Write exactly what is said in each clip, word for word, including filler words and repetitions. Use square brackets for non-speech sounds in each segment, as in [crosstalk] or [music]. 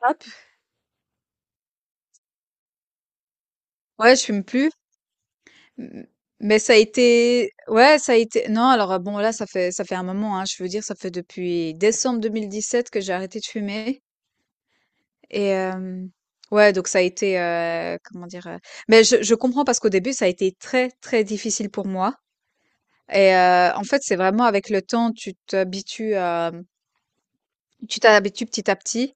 Hop, ouais, je fume plus, m mais ça a été, ouais, ça a été non. Alors, heu, bon, là, ça fait ça fait un moment, hein. Je veux dire, ça fait depuis décembre deux mille dix-sept que j'ai arrêté de fumer. Et hem, ouais, donc ça a été, heu, comment dire, heu? Mais je je comprends parce qu'au début, ça a été très, très difficile pour moi. Et heu, en fait, c'est vraiment avec le temps, tu t'habitues à tu t'habitues petit à petit.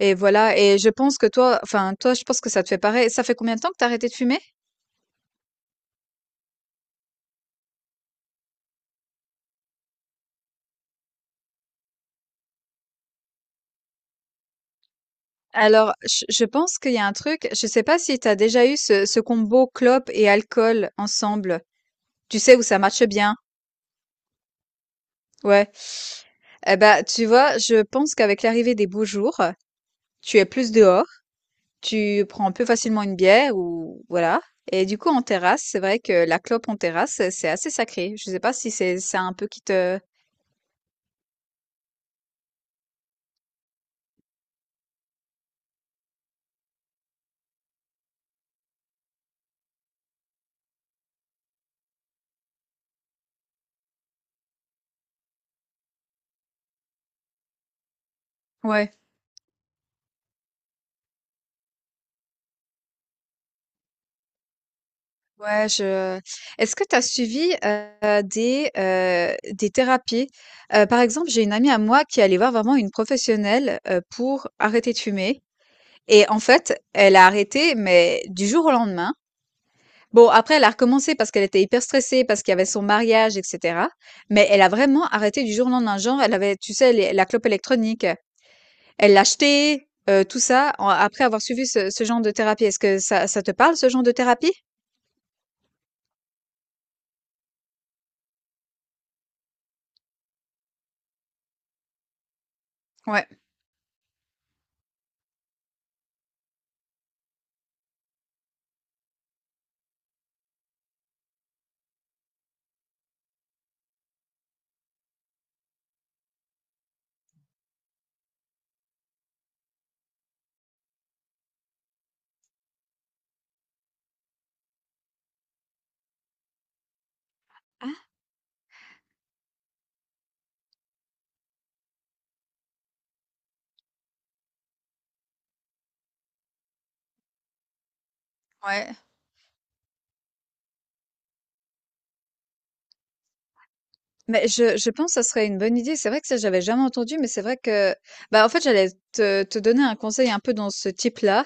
Et voilà, et je pense que toi, enfin, toi, je pense que ça te fait pareil. Ça fait combien de temps que t'as arrêté de fumer? Alors, je je pense qu'il y a un truc. Je sais pas si tu as déjà eu ce ce combo clope et alcool ensemble. Tu sais, où ça marche bien? Ouais. Eh ben, tu vois, je pense qu'avec l'arrivée des beaux jours, tu es plus dehors, tu prends plus facilement une bière ou voilà. Et du coup, en terrasse, c'est vrai que la clope en terrasse, c'est assez sacré. Je sais pas si c'est ça un peu qui te... Ouais, ouais, je est-ce que tu as suivi, heu, des, heu, des thérapies? Heu, par exemple, j'ai une amie à moi qui est allée voir vraiment une professionnelle, heu, pour arrêter de fumer. Et en fait, elle a arrêté, mais du jour au lendemain. Bon, après, elle a recommencé parce qu'elle était hyper stressée, parce qu'il y avait son mariage, et cetera. Mais elle a vraiment arrêté du jour au lendemain. Genre, elle avait, tu sais, les- la clope électronique, elle l'a achetée, euh, tout ça, en- après avoir suivi ce, ce genre de thérapie. Est-ce que ça, ça te parle, ce genre de thérapie? Ouais. Ah, ouais. Mais je je pense que ça serait une bonne idée. C'est vrai que ça, j'avais jamais entendu, mais c'est vrai que, bah, en fait, j'allais te te donner un conseil un peu dans ce type-là.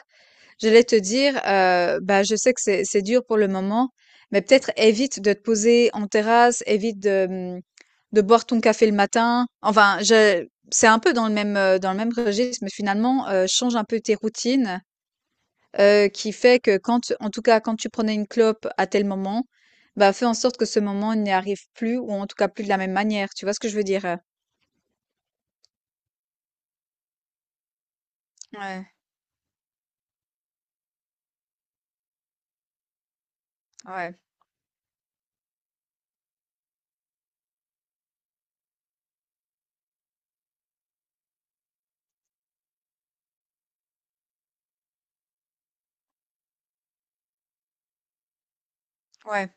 J'allais te dire, heu, bah, je sais que c'est c'est dur pour le moment, mais peut-être évite de te poser en terrasse, évite de, mmh, de boire ton café le matin. Enfin, je c'est un peu dans le même, heu, dans le même registre, mais finalement, heu, change un peu tes routines. Heu, qui fait que quand tu- en tout cas, quand tu prenais une clope à tel moment, bah, fais en sorte que ce moment n'y arrive plus ou en tout cas plus de la même manière. Tu vois ce que je veux dire, heu? Ouais, ouais, ouais,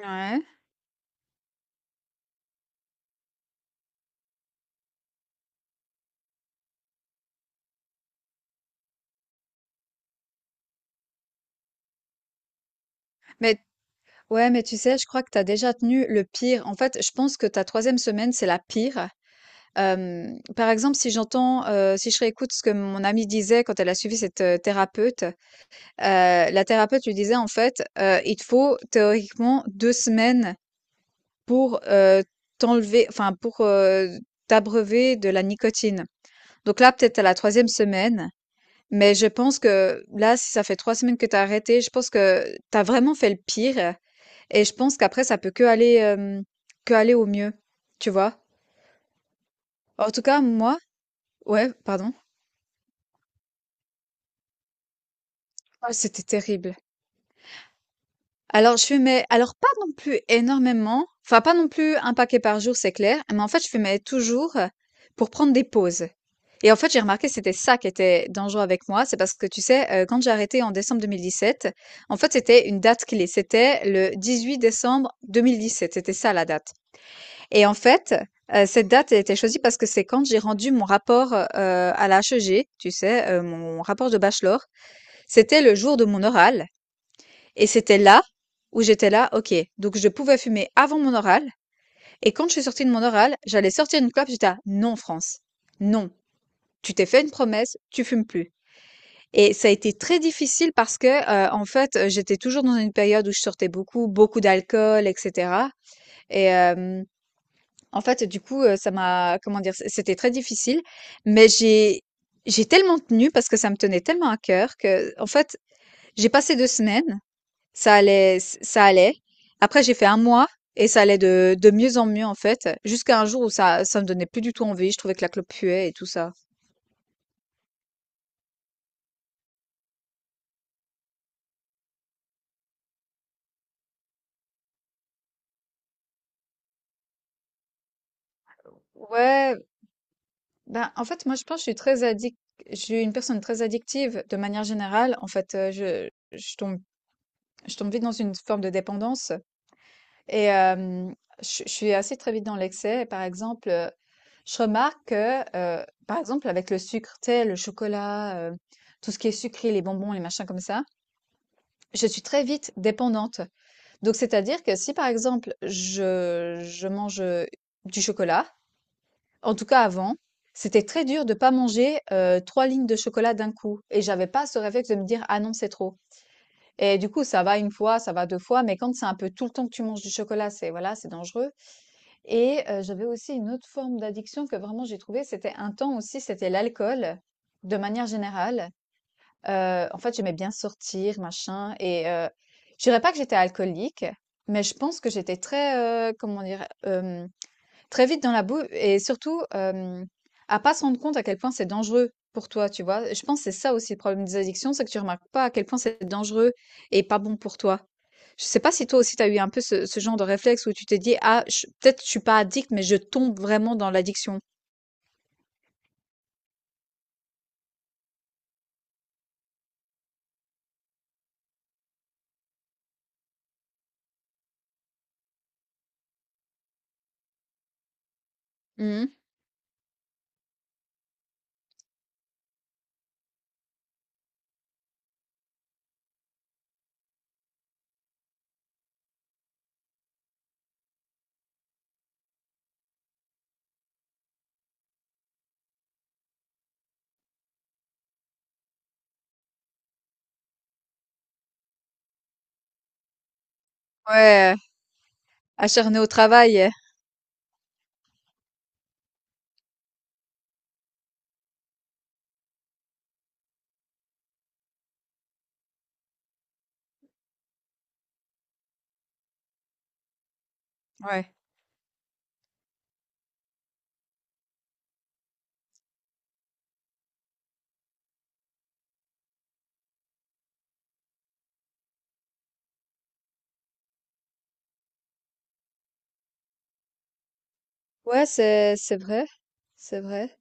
ouais. Mais ouais, mais tu sais, je crois que tu as déjà tenu le pire. En fait, je pense que ta troisième semaine, c'est la pire. Hem, par exemple, si j'entends, heu, si je réécoute ce que mon amie disait quand elle a suivi cette, heu, thérapeute, heu, la thérapeute lui disait en fait, heu: «Il te faut théoriquement deux semaines pour, heu, t'enlever, enfin pour, heu, t'abreuver de la nicotine. Donc là, peut-être à la troisième semaine, mais je pense que là, si ça fait trois semaines que t'as arrêté, je pense que t'as vraiment fait le pire, et je pense qu'après ça peut que qu'aller, que aller au mieux, tu vois? En tout cas, moi. Ouais, pardon? Oh, c'était terrible. Alors je fumais alors pas non plus énormément, enfin pas non plus un paquet par jour, c'est clair, mais en fait je fumais toujours, heu, pour prendre des pauses. Et en fait j'ai remarqué que c'était ça qui était dangereux avec moi, c'est parce que tu sais, heu, quand j'ai arrêté en décembre deux mille dix-sept, en fait c'était une date clé, c'était le dix-huit décembre deux mille dix-sept, c'était ça la date. Et en fait, heu, cette date, elle a été choisie parce que c'est quand j'ai rendu mon rapport, heu, à la H E G, tu sais, heu, mon rapport de bachelor, c'était le jour de mon oral et c'était là où j'étais là, OK, donc je pouvais fumer avant mon oral. Et quand je suis sortie de mon oral, j'allais sortir une clope. J'étais là, non, France, non. Tu t'es fait une promesse, tu fumes plus. Et ça a été très difficile parce que, euh, en fait, euh, j'étais toujours dans une période où je sortais beaucoup, beaucoup d'alcool, et cetera. Et euh, en fait, du coup, euh, ça m'a, comment dire, c- c'était très difficile. Mais j'ai, j'ai tellement tenu parce que ça me tenait tellement à cœur que, en fait, j'ai passé deux semaines. Ça allait, ç ça allait. Après, j'ai fait un mois et ça allait de de mieux en mieux, en fait, jusqu'à un jour où ça ça me donnait plus du tout envie. Je trouvais que la clope puait et tout ça. Ouais, ben, en fait, moi, je pense que je suis très addict. Je suis une personne très addictive de manière générale. En fait, heu, je je tombe je tombe vite dans une forme de dépendance. Et euh, je, je suis assez très vite dans l'excès. Et par exemple, euh, je remarque que, euh, par exemple, avec le sucre, tu sais, le chocolat, euh, tout ce qui est sucré, les bonbons, les machins comme ça, je suis très vite dépendante. Donc, c'est-à-dire que si, par exemple, je, je mange, euh, du chocolat, en tout cas avant, c'était très dur de pas manger, euh, trois lignes de chocolat d'un coup. Et j'avais pas ce réflexe de me dire, ah non, c'est trop. Et du coup, ça va une fois, ça va deux fois, mais quand c'est un peu tout le temps que tu manges du chocolat, c'est voilà, c'est dangereux. Et heu, j'avais aussi une autre forme d'addiction que vraiment j'ai trouvée, c'était un temps aussi, c'était l'alcool, de manière générale. Heu, en fait, j'aimais bien sortir, machin et heu, je dirais pas que j'étais alcoolique, mais je pense que j'étais très, heu, comment dire? Hem Très vite dans la boue et surtout, hem, à pas se rendre compte à quel point c'est dangereux pour toi, tu vois? Je pense que c'est ça aussi le problème des addictions, c'est que tu remarques pas à quel point c'est dangereux et pas bon pour toi. Je sais pas si toi aussi tu as eu un peu ce ce genre de réflexe où tu t'es dit: «Ah ch peut-être je suis pas addict, mais je tombe vraiment dans l'addiction». Mmh. Ouais, heu, acharné au travail. Ouais. Ouais, c'est c'est vrai, c'est vrai.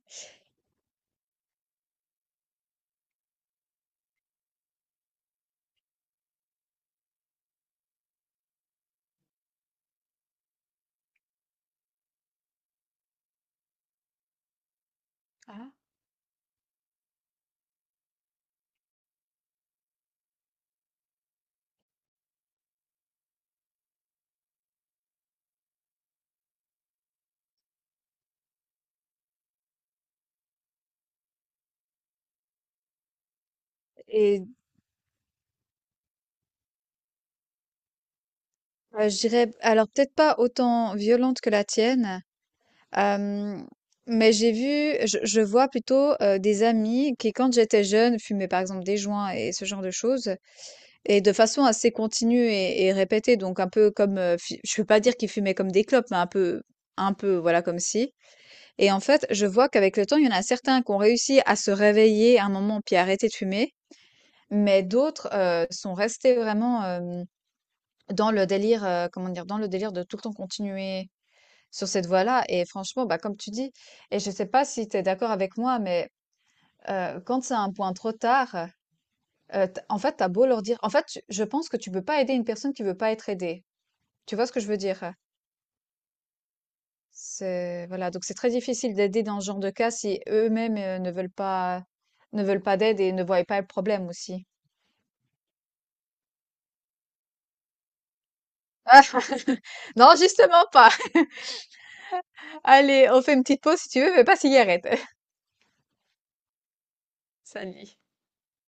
Ah. Et bah, je dirais alors peut-être pas autant violente que la tienne, hem, mais j'ai vu, je je vois plutôt, heu, des amis qui quand j'étais jeune fumaient par exemple des joints et ce genre de choses et de façon assez continue et et répétée, donc un peu comme, heu, fi je veux pas dire qu'ils fumaient comme des clopes, mais un peu un peu voilà comme si. Et en fait, je vois qu'avec le temps, il y en a certains qui ont réussi à se réveiller à un moment, puis à arrêter de fumer, mais d'autres, heu, sont restés vraiment, hem, dans le délire, heu, comment dire? Dans le délire de tout le temps continuer sur cette voie-là, et franchement, bah, comme tu dis, et je sais pas si tu es d'accord avec moi, mais, heu, quand c'est un point trop tard, heu, t en fait, t'as beau leur dire, en fait, tu je pense que tu peux pas aider une personne qui veut pas être aidée. Tu vois ce que je veux dire? C'est voilà, donc c'est très difficile d'aider dans ce genre de cas si eux-mêmes, heu, ne veulent pas ne veulent pas d'aide et ne voient pas le problème aussi. Ah! [laughs] Non, justement pas. Allez, on fait une petite pause si tu veux, mais pas de cigarette. [laughs] Salut.